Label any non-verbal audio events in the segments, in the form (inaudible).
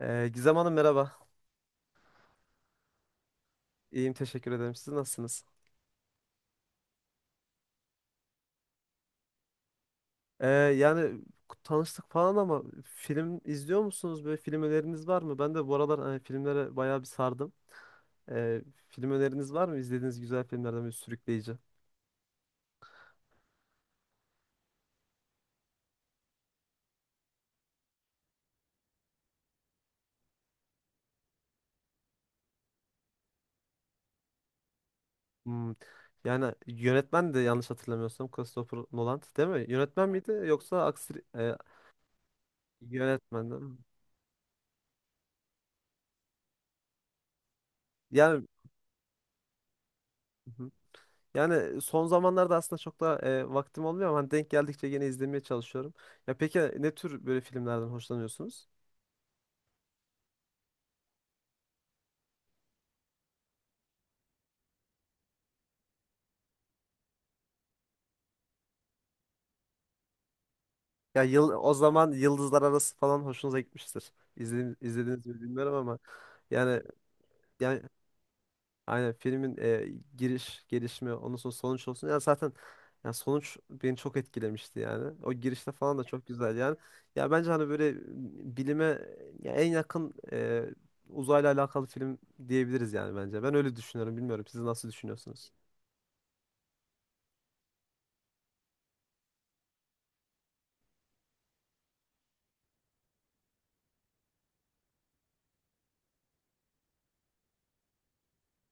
Gizem Hanım merhaba. İyiyim, teşekkür ederim. Siz nasılsınız? Yani tanıştık falan ama film izliyor musunuz? Böyle film öneriniz var mı? Ben de bu aralar hani filmlere bayağı bir sardım. Ee, Film öneriniz var mı? İzlediğiniz güzel filmlerden bir sürükleyici. Hmm. Yani yönetmen de yanlış hatırlamıyorsam Christopher Nolan değil mi? Yönetmen miydi yoksa aksi yönetmen değil mi? Yani Yani son zamanlarda aslında çok da vaktim olmuyor ama hani denk geldikçe yine izlemeye çalışıyorum. Ya peki ne tür böyle filmlerden hoşlanıyorsunuz? Ya yıl o zaman Yıldızlar Arası falan hoşunuza gitmiştir. İzledi- izlediniz mi bilmiyorum ama yani yani aynen filmin giriş, gelişme, ondan sonra sonuç olsun. Ya zaten ya sonuç beni çok etkilemişti yani. O girişte falan da çok güzel yani. Ya bence hani böyle bilime ya en yakın uzayla alakalı film diyebiliriz yani bence. Ben öyle düşünüyorum. Bilmiyorum siz nasıl düşünüyorsunuz?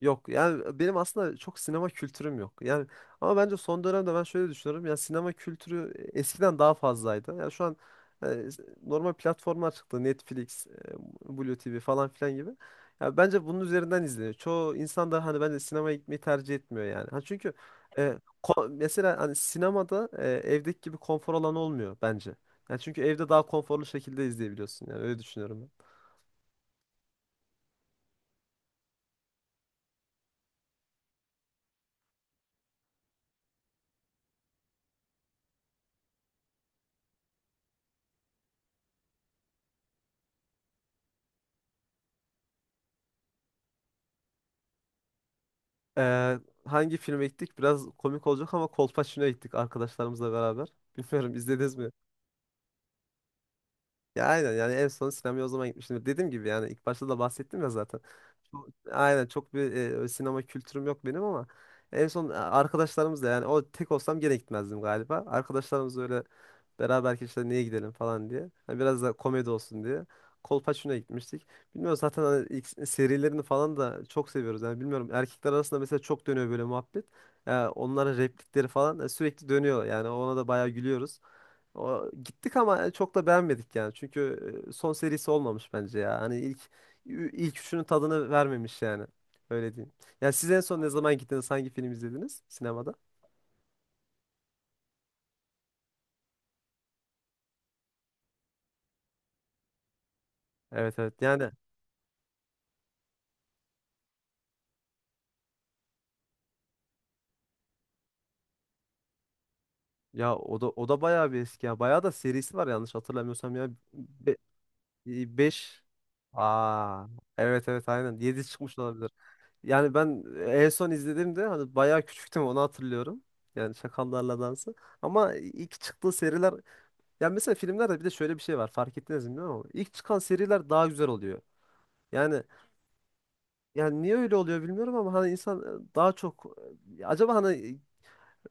Yok, yani benim aslında çok sinema kültürüm yok. Yani ama bence son dönemde ben şöyle düşünüyorum. Yani sinema kültürü eskiden daha fazlaydı. Yani şu an e, normal platformlar çıktı. Netflix, Blue TV falan filan gibi. Ya bence bunun üzerinden izleniyor. Çoğu insan da hani bence sinemaya gitmeyi tercih etmiyor yani. Ha çünkü e, mesela hani sinemada evdeki gibi konfor alanı olmuyor bence. Yani çünkü evde daha konforlu şekilde izleyebiliyorsun yani öyle düşünüyorum ben. Ee, Hangi filme gittik? Biraz komik olacak ama Kolpaçino'ya gittik arkadaşlarımızla beraber. (laughs) Bilmiyorum izlediniz mi? Ya aynen, yani en son sinemaya o zaman gitmiştim. Dediğim gibi, yani ilk başta da bahsettim ya zaten. Aynen çok bir sinema kültürüm yok benim ama en son arkadaşlarımızla, yani o tek olsam gene gitmezdim galiba. Arkadaşlarımız öyle beraber işte niye gidelim falan diye. Hani biraz da komedi olsun diye. Kolpaçino'ya gitmiştik. Bilmiyorum, zaten hani ilk serilerini falan da çok seviyoruz. Yani bilmiyorum, erkekler arasında mesela çok dönüyor böyle muhabbet. Ya onların replikleri falan sürekli dönüyor. Yani ona da bayağı gülüyoruz. O, gittik ama çok da beğenmedik yani. Çünkü son serisi olmamış bence ya. Hani ilk üçünün tadını vermemiş yani. Öyle diyeyim. Ya siz en son ne zaman gittiniz? Hangi film izlediniz sinemada? Evet, evet. Yani ya o da bayağı bir eski ya. Bayağı da serisi var yanlış hatırlamıyorsam ya. Beş. Aa, evet evet, aynen 7 çıkmış olabilir. Yani ben en son izlediğimde hani bayağı küçüktüm, onu hatırlıyorum. Yani Çakallarla Dansı. Ama ilk çıktığı seriler... Ya mesela filmlerde bir de şöyle bir şey var. Fark ettiniz mi bilmiyorum ama ilk çıkan seriler daha güzel oluyor. Yani yani niye öyle oluyor bilmiyorum ama hani insan daha çok acaba hani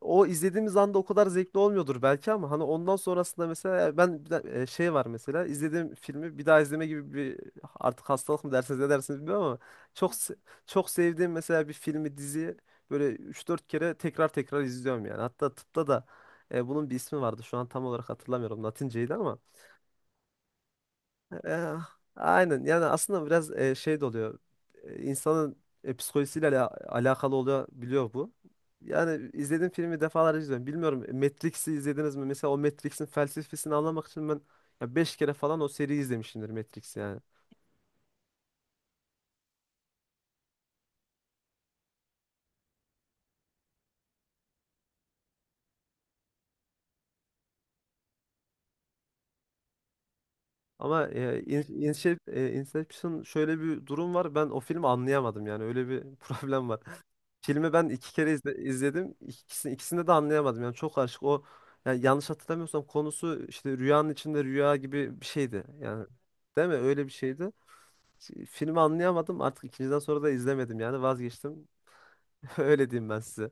o izlediğimiz anda o kadar zevkli olmuyordur belki ama hani ondan sonrasında mesela ben şey var, mesela izlediğim filmi bir daha izleme gibi bir artık hastalık mı dersiniz, ne dersiniz bilmiyorum ama çok se- çok sevdiğim mesela bir filmi, diziyi böyle üç dört kere tekrar tekrar izliyorum yani. Hatta tıpta da bunun bir ismi vardı. Şu an tam olarak hatırlamıyorum, Latinceydi ama... E, aynen, yani aslında biraz şey de oluyor. İnsanın psikolojisiyle alakalı oluyor, biliyor bu. Yani izlediğim filmi defalarca izliyorum. Bilmiyorum, Matrix'i izlediniz mi? Mesela o Matrix'in felsefesini anlamak için ben ya 5 kere falan o seriyi izlemişimdir Matrix yani. Ama Inception, şöyle bir durum var. Ben o filmi anlayamadım, yani öyle bir (laughs) problem var. Filmi ben iki kere izledim. İkisini, ikisinde de anlayamadım. Yani çok karışık. O, yani yanlış hatırlamıyorsam konusu işte rüyanın içinde rüya gibi bir şeydi. Yani değil mi? Öyle bir şeydi. Filmi anlayamadım. Artık ikinciden sonra da izlemedim, yani vazgeçtim. (laughs) Öyle diyeyim ben size.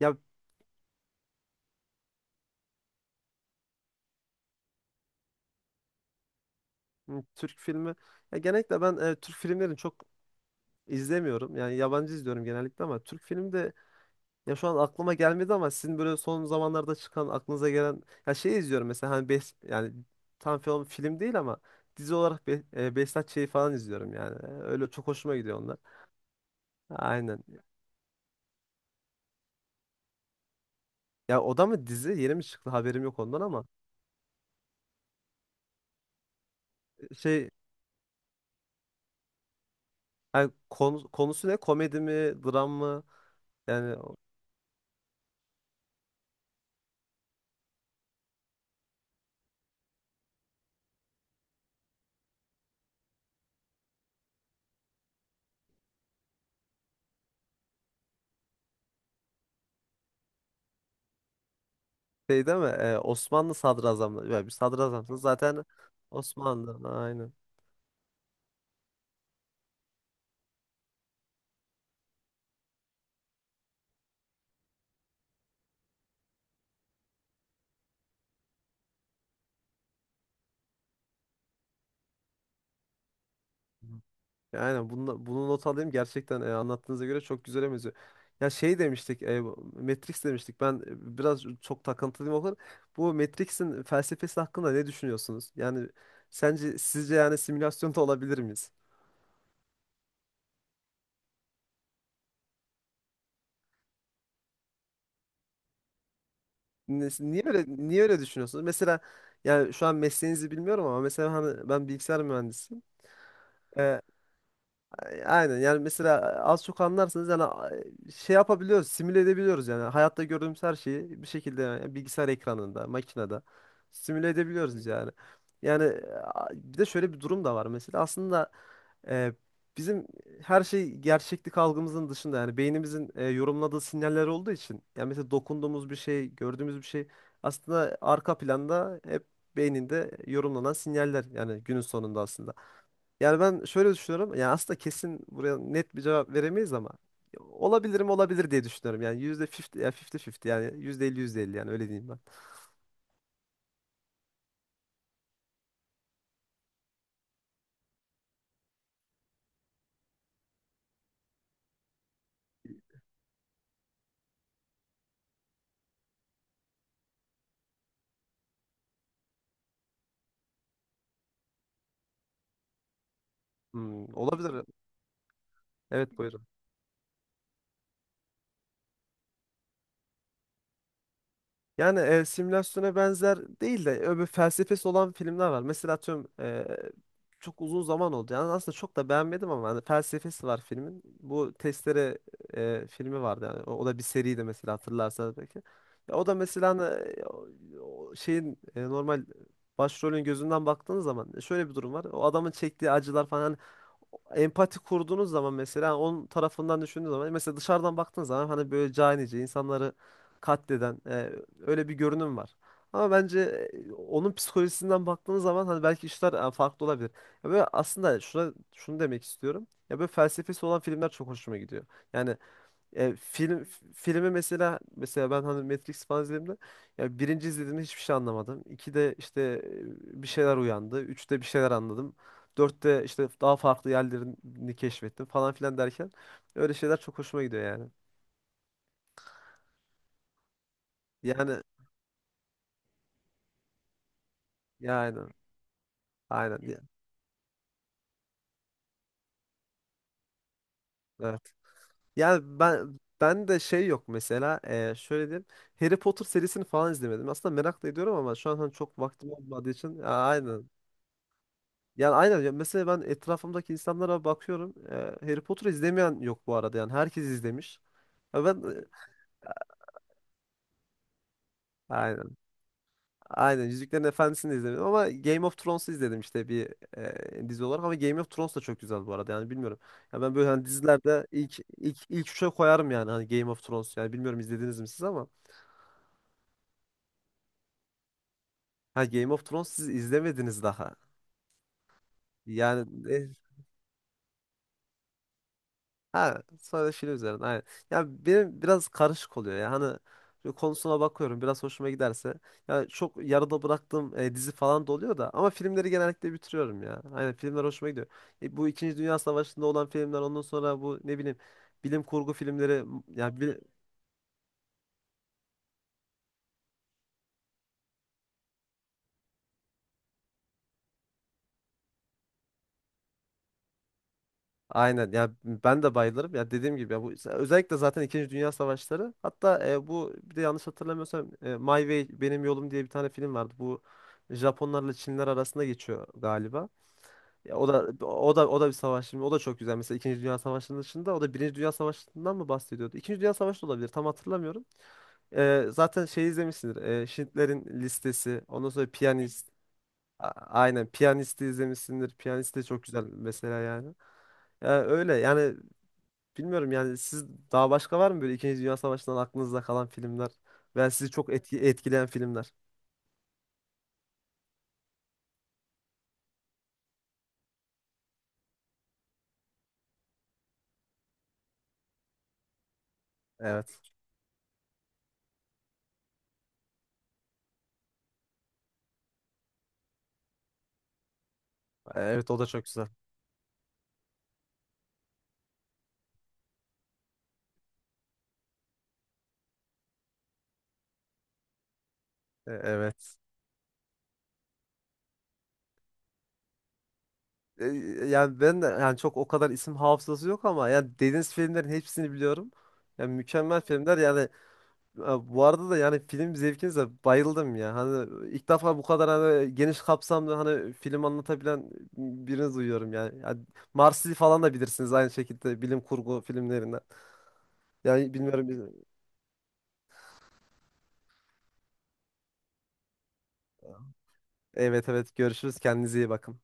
Ya Türk filmi, ya genellikle ben Türk filmlerini çok izlemiyorum. Yani yabancı izliyorum genellikle ama Türk filmi de... Ya şu an aklıma gelmedi ama sizin böyle son zamanlarda çıkan aklınıza gelen... Ya şey izliyorum mesela, hani yani tam film değil ama dizi olarak Behzat Ç'yi falan izliyorum yani. Öyle çok hoşuma gidiyor onlar. Aynen. Ya o da mı dizi? Yeni mi çıktı? Haberim yok ondan ama... Şey, hani konusu ne? Komedi mi? Dram mı? Yani şey değil mi? Osmanlı sadrazamları. Ya bir sadrazamsınız zaten. Osmanlı. Aynen. Yani bunu not alayım gerçekten, anlattığınıza göre çok güzel benziyor. Ya şey demiştik, Matrix demiştik. Ben biraz çok takıntılıyım o kadar. Bu Matrix'in felsefesi hakkında ne düşünüyorsunuz? Yani sence, sizce yani simülasyonda olabilir miyiz? Niye öyle düşünüyorsunuz? Mesela yani şu an mesleğinizi bilmiyorum ama mesela hani ben bilgisayar mühendisiyim. E, Aynen, yani mesela az çok anlarsınız yani, şey yapabiliyoruz, simüle edebiliyoruz yani hayatta gördüğümüz her şeyi bir şekilde yani bilgisayar ekranında, makinede simüle edebiliyoruz yani. Yani bir de şöyle bir durum da var mesela. Aslında e, bizim her şey gerçeklik algımızın dışında, yani beynimizin yorumladığı sinyaller olduğu için, yani mesela dokunduğumuz bir şey, gördüğümüz bir şey aslında arka planda hep beyninde yorumlanan sinyaller yani günün sonunda aslında. Yani ben şöyle düşünüyorum. Yani aslında kesin buraya net bir cevap veremeyiz ama olabilirim, olabilir diye düşünüyorum. Yani yüzde 50 ya 50, yani yüzde elli yüzde elli yani, öyle diyeyim ben. Hmm, olabilir. Evet, buyurun. Yani simülasyona benzer değil de öbür felsefesi olan filmler var. Mesela atıyorum, çok uzun zaman oldu. Yani aslında çok da beğenmedim ama hani felsefesi var filmin. Bu Testere filmi vardı yani. O da bir seriydi mesela, hatırlarsanız belki. Ya o da mesela hani, o şeyin normal başrolün gözünden baktığınız zaman şöyle bir durum var. O adamın çektiği acılar falan, empati kurduğunuz zaman mesela, yani onun tarafından düşündüğünüz zaman mesela dışarıdan baktığınız zaman hani böyle canice insanları katleden öyle bir görünüm var. Ama bence onun psikolojisinden baktığınız zaman hani belki işler farklı olabilir. Ya böyle aslında şuna, şunu demek istiyorum. Ya böyle felsefesi olan filmler çok hoşuma gidiyor. Yani film, filmi mesela ben hani Matrix falan izlediğimde ya birinci izlediğimde hiçbir şey anlamadım. İkide işte bir şeyler uyandı. Üçte bir şeyler anladım. Dörtte işte daha farklı yerlerini keşfettim falan filan derken öyle şeyler çok hoşuma gidiyor yani. Yani yani aynen. Evet. Yani ben de şey yok mesela, şöyle diyeyim, Harry Potter serisini falan izlemedim. Aslında merak da ediyorum ama şu an hani çok vaktim olmadığı için ya, aynen. Yani aynen mesela ben etrafımdaki insanlara bakıyorum. Harry Potter izlemeyen yok bu arada, yani herkes izlemiş. Ya ben aynen. Aynen Yüzüklerin Efendisi'ni de izlemedim ama Game of Thrones'u izledim işte bir dizi olarak, ama Game of Thrones da çok güzel bu arada yani, bilmiyorum. Ya ben böyle hani dizilerde ilk, ilk üçe koyarım yani, hani Game of Thrones yani, bilmiyorum izlediniz mi siz ama... Ha, Game of Thrones siz izlemediniz daha. Yani... Ha, sadece film üzerine, aynen. Ya benim biraz karışık oluyor ya. Hani şöyle konusuna bakıyorum, biraz hoşuma giderse. Ya çok yarıda bıraktığım dizi falan da oluyor da, ama filmleri genellikle bitiriyorum ya. Aynen, filmler hoşuma gidiyor. Bu İkinci Dünya Savaşı'nda olan filmler, ondan sonra bu, ne bileyim, bilim kurgu filmleri ya aynen. Ya ben de bayılırım. Ya dediğim gibi ya, bu özellikle zaten İkinci Dünya Savaşları. Hatta bu bir de yanlış hatırlamıyorsam My Way Benim Yolum diye bir tane film vardı. Bu Japonlarla Çinler arasında geçiyor galiba. Ya o da bir savaş filmi. O da çok güzel. Mesela İkinci Dünya Savaşı'nın dışında o da Birinci Dünya Savaşı'ndan mı bahsediyordu? İkinci Dünya Savaşı da olabilir. Tam hatırlamıyorum. Zaten şey izlemişsindir. Schindler'in Listesi. Ondan sonra Piyanist. Aynen. Piyanist'i izlemişsindir. Piyanist de çok güzel mesela yani. Yani öyle. Yani bilmiyorum, yani siz daha başka var mı böyle İkinci Dünya Savaşı'ndan aklınızda kalan filmler veya sizi çok etkileyen filmler? Evet. Evet, o da çok güzel. Evet. E, Yani ben de yani çok o kadar isim hafızası yok ama yani dediğiniz filmlerin hepsini biliyorum. Yani mükemmel filmler yani, e, bu arada da yani film zevkinize bayıldım ya. Hani ilk defa bu kadar hani geniş kapsamlı hani film anlatabilen birini duyuyorum yani. Yani Marsi falan da bilirsiniz aynı şekilde, bilim kurgu filmlerinden. Yani bilmiyorum. Evet, evet, görüşürüz, kendinize iyi bakın.